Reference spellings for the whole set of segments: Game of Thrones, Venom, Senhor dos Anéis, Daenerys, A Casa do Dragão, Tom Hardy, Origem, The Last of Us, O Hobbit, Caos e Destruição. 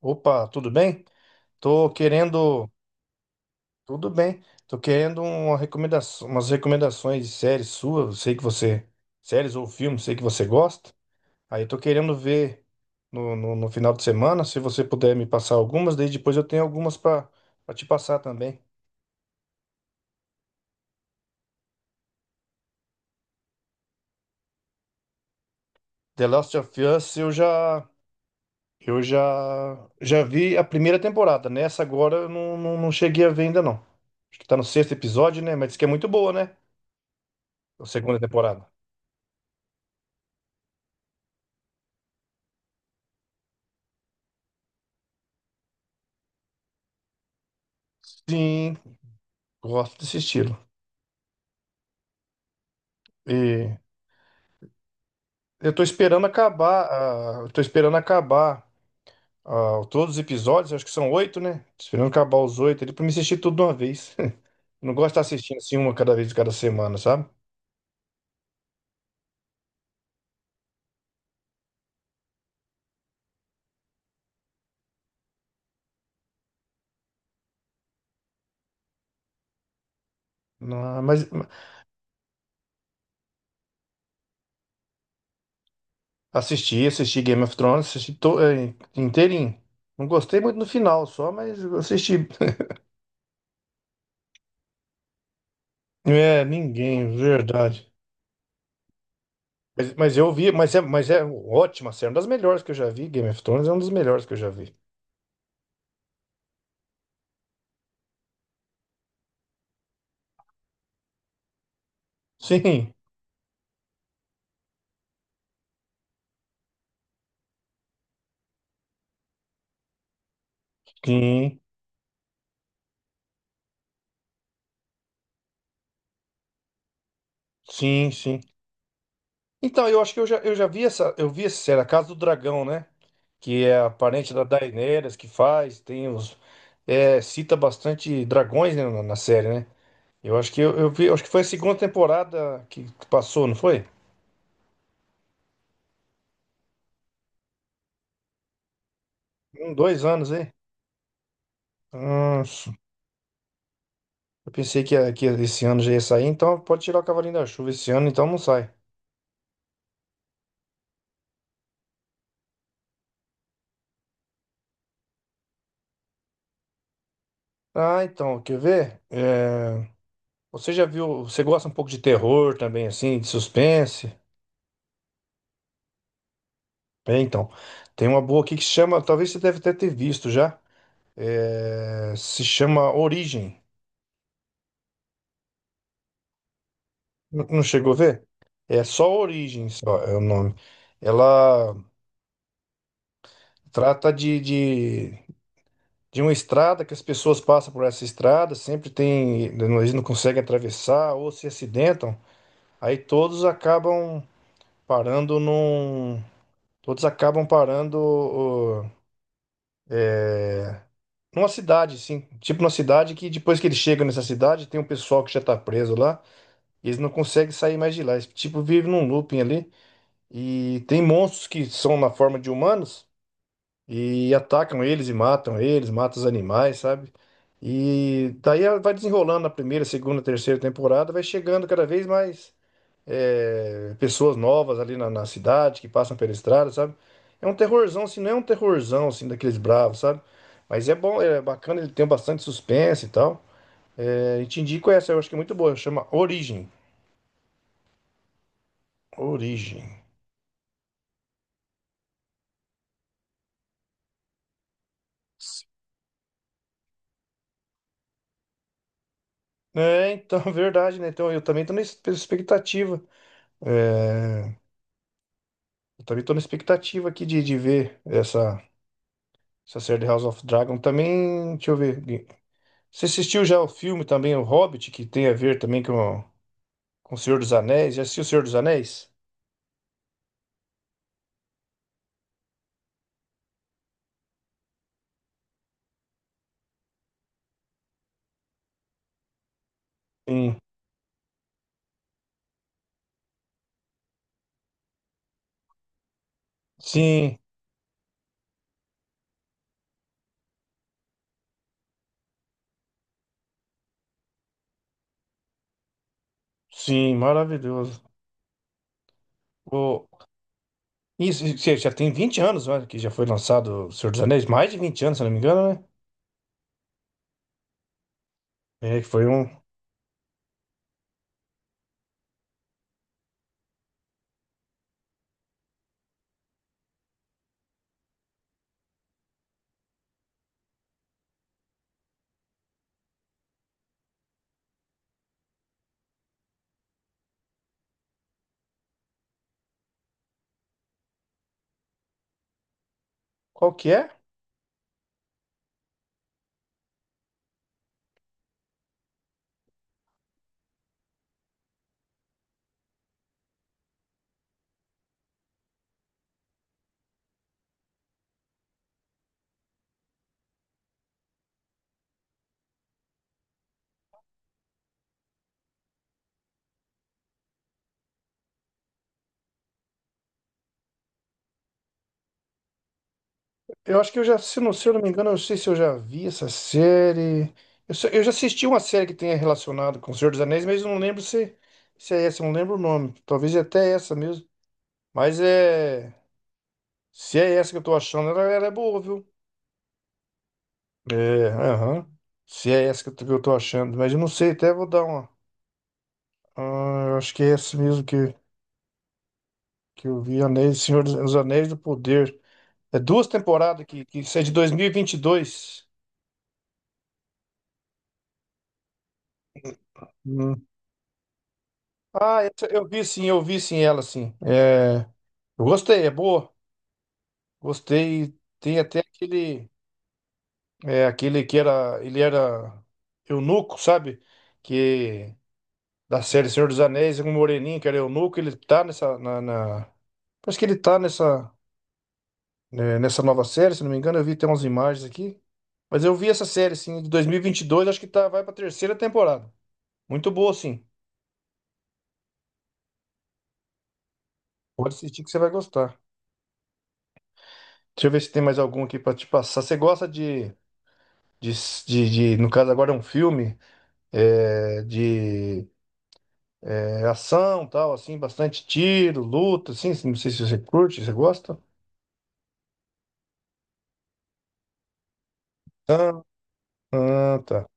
Opa, tudo bem? Tô querendo, tudo bem. Tô querendo uma recomendação, umas recomendações de séries suas. Sei que você, séries ou filmes, sei que você gosta. Aí eu tô querendo ver no final de semana, se você puder me passar algumas, daí depois eu tenho algumas para te passar também. The Last of Us, eu já vi a primeira temporada, né? Essa agora eu não cheguei a ver ainda não. Acho que tá no sexto episódio, né? Mas diz que é muito boa, né? A segunda temporada. Sim. Gosto desse estilo. E eu tô esperando acabar todos os episódios, acho que são oito, né? Tô esperando acabar os oito ali pra me assistir tudo de uma vez. Não gosto de estar assistindo assim uma cada vez, cada semana, sabe? Não, mas assisti Game of Thrones, assisti inteirinho. Não gostei muito no final só, mas eu assisti. É, ninguém, verdade. Mas eu vi, mas é ótima série, uma das melhores que eu já vi. Game of Thrones é uma das melhores que eu já vi. Sim, sim, sim, sim. Então, eu acho que eu vi essa série, A Casa do Dragão, né? Que é a parente da Daenerys que faz, cita bastante dragões, né, na série, né? Eu acho que eu acho que foi a segunda temporada que passou, não foi? Um, 2 anos, hein? Nossa, eu pensei que esse ano já ia sair, então pode tirar o Cavalinho da Chuva esse ano, então não sai. Ah, então, quer ver? É, você já viu, você gosta um pouco de terror também, assim, de suspense? É, então, tem uma boa aqui que chama, talvez você deve até ter visto já, se chama Origem. Não chegou a ver? É só Origem, só é o nome. Ela trata de uma estrada que as pessoas passam por essa estrada, sempre tem, eles não conseguem atravessar ou se acidentam, aí parando num, todos acabam parando numa cidade, assim, tipo numa cidade que depois que eles chegam nessa cidade, tem um pessoal que já tá preso lá. Eles não conseguem sair mais de lá. Eles, tipo, vivem num looping ali. E tem monstros que são na forma de humanos e atacam eles e matam eles, matam os animais, sabe? E daí ela vai desenrolando na primeira, segunda, terceira temporada, vai chegando cada vez mais pessoas novas ali na cidade, que passam pela estrada, sabe? É um terrorzão, assim, não é um terrorzão, assim, daqueles bravos, sabe? Mas é bom, é bacana, ele tem bastante suspense e tal. É, e te indico essa, eu acho que é muito boa, chama Origem. Origem. É, então, verdade, né? Então, eu também tô na expectativa. É, eu também tô na expectativa aqui de ver essa série de House of Dragon. Também, deixa eu ver. Você assistiu já o filme também, O Hobbit, que tem a ver também com o Senhor dos Anéis? Já assistiu o Senhor dos Anéis? Sim, sim, sim, maravilhoso. O, isso, já tem 20 anos, né, que já foi lançado o Senhor dos Anéis, mais de 20 anos, se não me engano, né? É, que foi um. Qual que é? Eu acho que eu já, se eu não me engano, eu não sei se eu já vi essa série. Eu já assisti uma série que tenha relacionado com o Senhor dos Anéis, mas eu não lembro se é essa, eu não lembro o nome. Talvez é até essa mesmo. Mas é. Se é essa que eu tô achando, ela é boa, viu? É, aham. Se é essa que que eu tô achando, mas eu não sei, até vou dar uma. Ah, eu acho que é essa mesmo que eu vi, Senhor dos os Anéis do Poder. É duas temporadas que isso é de 2022. Ah, essa eu vi sim, ela sim. É, eu gostei, é boa. Gostei. Tem até aquele ele era eunuco, sabe? Que da série Senhor dos Anéis, um moreninho que era eunuco, ele tá nessa. Parece que ele tá né, nessa nova série, se não me engano. Eu vi até umas imagens aqui. Mas eu vi essa série sim, de dois mil e vinte e dois, acho que tá, vai pra terceira temporada. Muito boa sim. Pode assistir que você vai gostar. Deixa eu ver se tem mais algum aqui pra te passar. Você gosta de, no caso agora é um filme de ação tal assim bastante tiro luta assim não sei se você curte você gosta. Ah, ah, tá.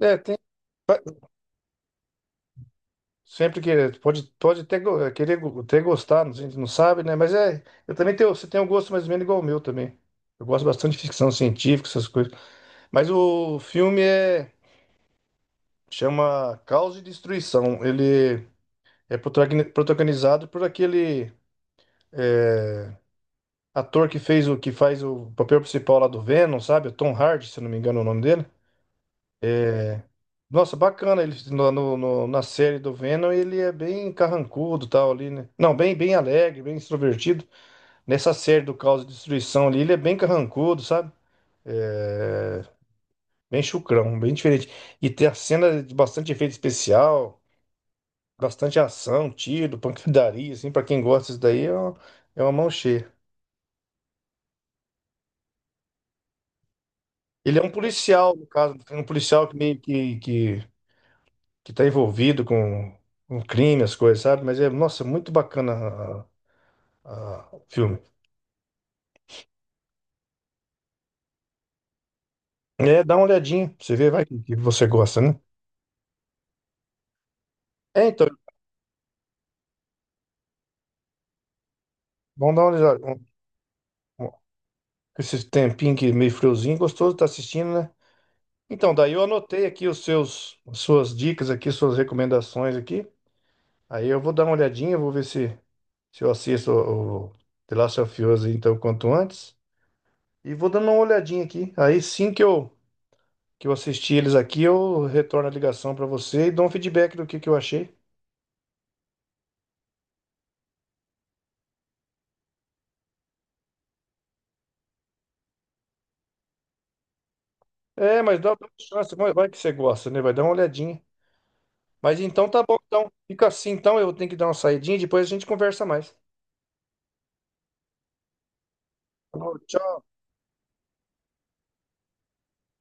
É tem pa- sempre que pode até querer até gostar, a gente não sabe, né, mas é eu também tenho você tem um gosto mais ou menos igual ao meu também. Eu gosto bastante de ficção científica, essas coisas, mas o filme chama Caos e Destruição. Ele é protagonizado por aquele, é, ator que fez o que faz o papel principal lá do Venom, sabe? O Tom Hardy, se eu não me engano é o nome dele. Nossa, bacana ele na série do Venom, ele é bem carrancudo, e tal ali, né? Não, bem bem alegre, bem extrovertido. Nessa série do Caos e Destruição ali, ele é bem carrancudo, sabe? É, bem chucrão, bem diferente. E tem a cena de bastante efeito especial, bastante ação, tiro, pancadaria, assim, pra quem gosta disso daí, é uma mão cheia. Ele é um policial, no caso, um policial que meio que tá envolvido com crime, as coisas, sabe? Mas é, nossa, muito bacana o filme. É, dá uma olhadinha, pra você vê, vai que você gosta, né? É, então, vamos dar uma olhada. um- um- Esse tempinho que meio friozinho, gostoso, tá assistindo, né? Então, daí eu anotei aqui os seus, as suas dicas aqui, suas recomendações aqui. Aí eu vou dar uma olhadinha, vou ver se eu assisto o The Last of Us, então, quanto antes. E vou dando uma olhadinha aqui. Aí sim que eu assisti eles aqui, eu retorno a ligação pra você e dou um feedback do que eu achei. É, mas dá uma chance, vai que você gosta, né? Vai dar uma olhadinha. Mas então tá bom, então. Fica assim, então eu tenho que dar uma saidinha e depois a gente conversa mais. Tá bom, tchau.